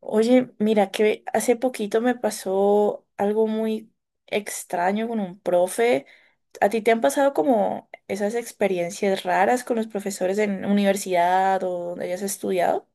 Oye, mira que hace poquito me pasó algo muy extraño con un profe. ¿A ti te han pasado como esas experiencias raras con los profesores en universidad o donde hayas estudiado?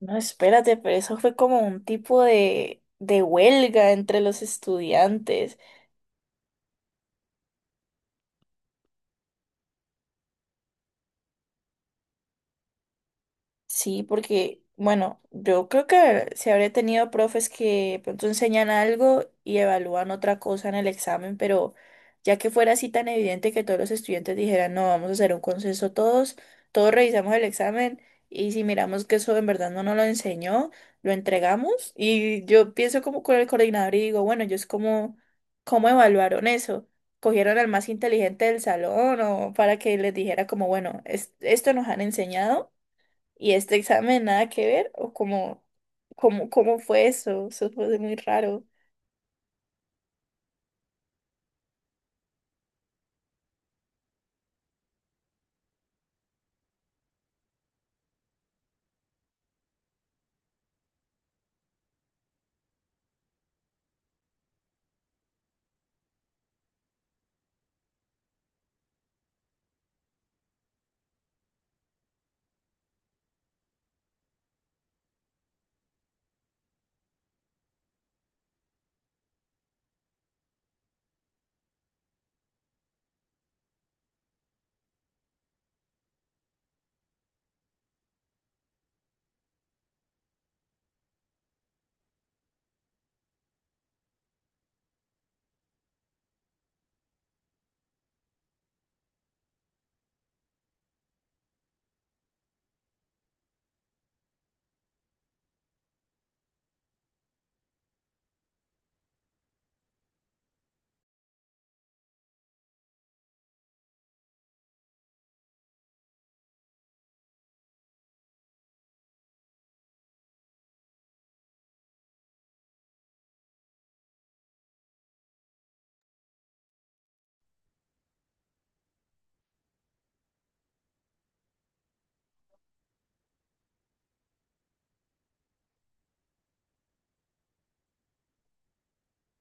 No, espérate, pero eso fue como un tipo de huelga entre los estudiantes. Sí, porque, bueno, yo creo que se habría tenido profes que pronto enseñan algo y evalúan otra cosa en el examen, pero ya que fuera así tan evidente que todos los estudiantes dijeran, no, vamos a hacer un consenso todos, todos revisamos el examen y si miramos que eso en verdad no nos lo enseñó, lo entregamos y yo pienso como con el coordinador y digo, bueno, ellos como, ¿cómo evaluaron eso? ¿Cogieron al más inteligente del salón o para que les dijera como, bueno, esto nos han enseñado? Y este examen nada que ver, o cómo fue eso, eso fue muy raro.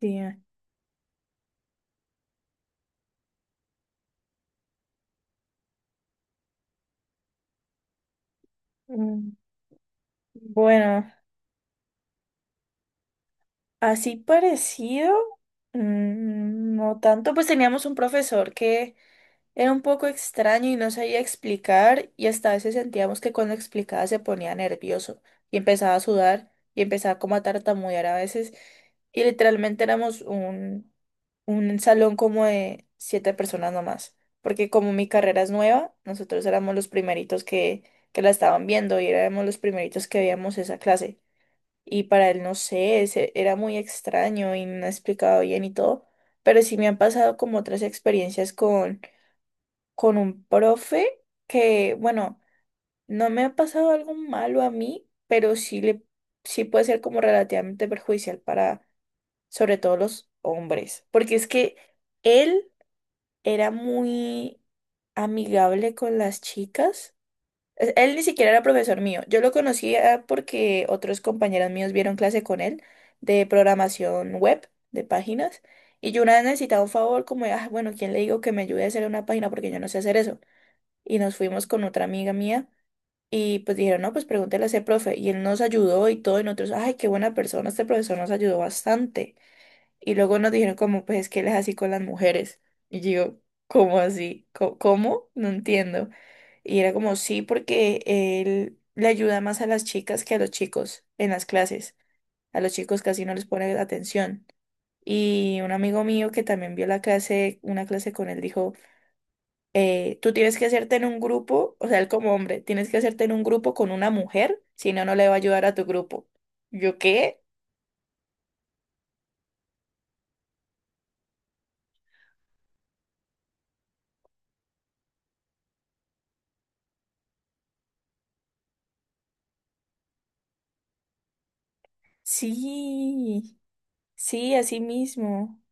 Sí, ah, mm, bueno, así parecido, no tanto, pues teníamos un profesor que era un poco extraño y no sabía explicar y hasta a veces sentíamos que cuando explicaba se ponía nervioso y empezaba a sudar y empezaba como a tartamudear a veces y literalmente éramos un salón como de siete personas nomás, porque como mi carrera es nueva, nosotros éramos los primeritos que la estaban viendo y éramos los primeritos que veíamos esa clase. Y para él, no sé, era muy extraño y no explicaba bien y todo, pero sí me han pasado como otras experiencias con un profe que, bueno, no me ha pasado algo malo a mí, pero sí puede ser como relativamente perjudicial para, sobre todo los hombres, porque es que él era muy amigable con las chicas. Él ni siquiera era profesor mío. Yo lo conocía porque otros compañeros míos vieron clase con él de programación web, de páginas. Y yo una vez necesitaba un favor, como, ah, bueno, ¿quién le digo que me ayude a hacer una página? Porque yo no sé hacer eso y nos fuimos con otra amiga mía y pues dijeron, no, pues pregúntele a ese profe y él nos ayudó y todo y nosotros, ay, qué buena persona, este profesor nos ayudó bastante. Y luego nos dijeron como, pues es que él es así con las mujeres. Y yo, ¿cómo así? ¿Cómo? No entiendo. Y era como, sí, porque él le ayuda más a las chicas que a los chicos en las clases. A los chicos casi no les pone atención. Y un amigo mío que también vio la clase, una clase con él, dijo, tú tienes que hacerte en un grupo, o sea, él como hombre, tienes que hacerte en un grupo con una mujer, si no, no le va a ayudar a tu grupo. ¿Yo qué? Sí, sí, así mismo.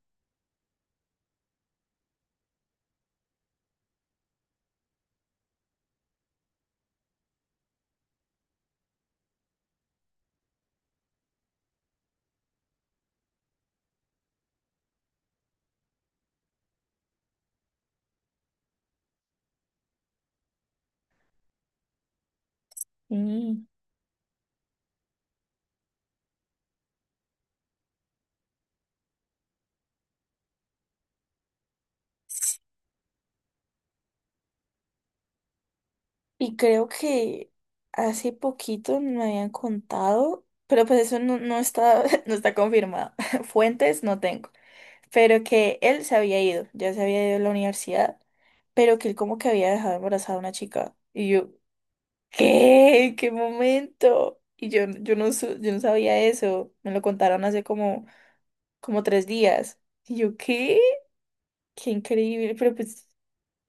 Mm. Y creo que hace poquito me habían contado, pero pues eso no, no está, no está confirmado. Fuentes no tengo, pero que él se había ido, ya se había ido a la universidad, pero que él como que había dejado embarazada a una chica. Y yo, ¿qué? ¿Qué momento? Y yo no, yo no sabía eso. Me lo contaron hace como tres días. Y yo, ¿qué? Qué increíble, pero pues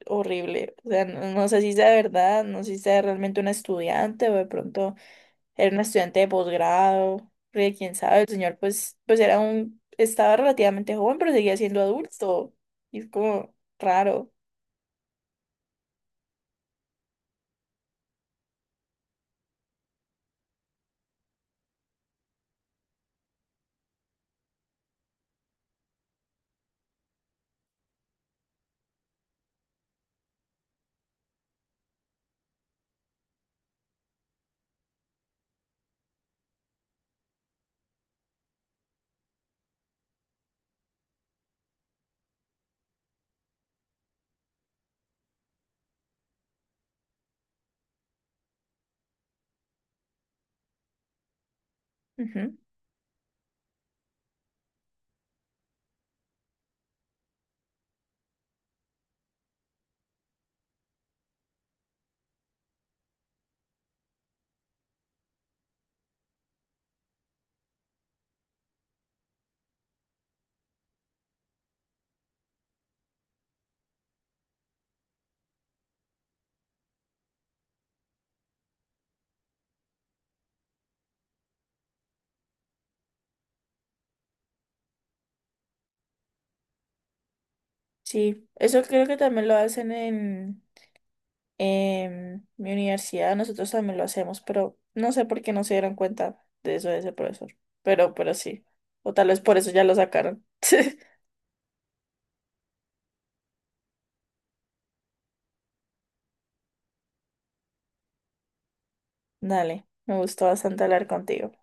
horrible. O sea, no, no sé si sea de verdad, no sé si sea realmente una estudiante o de pronto era una estudiante de posgrado. Porque quién sabe, el señor pues era estaba relativamente joven, pero seguía siendo adulto. Y es como raro. Ujú. Sí, eso creo que también lo hacen en mi universidad nosotros también lo hacemos, pero no sé por qué no se dieron cuenta de eso de ese profesor. Pero sí. O tal vez por eso ya lo sacaron. Dale, me gustó bastante hablar contigo.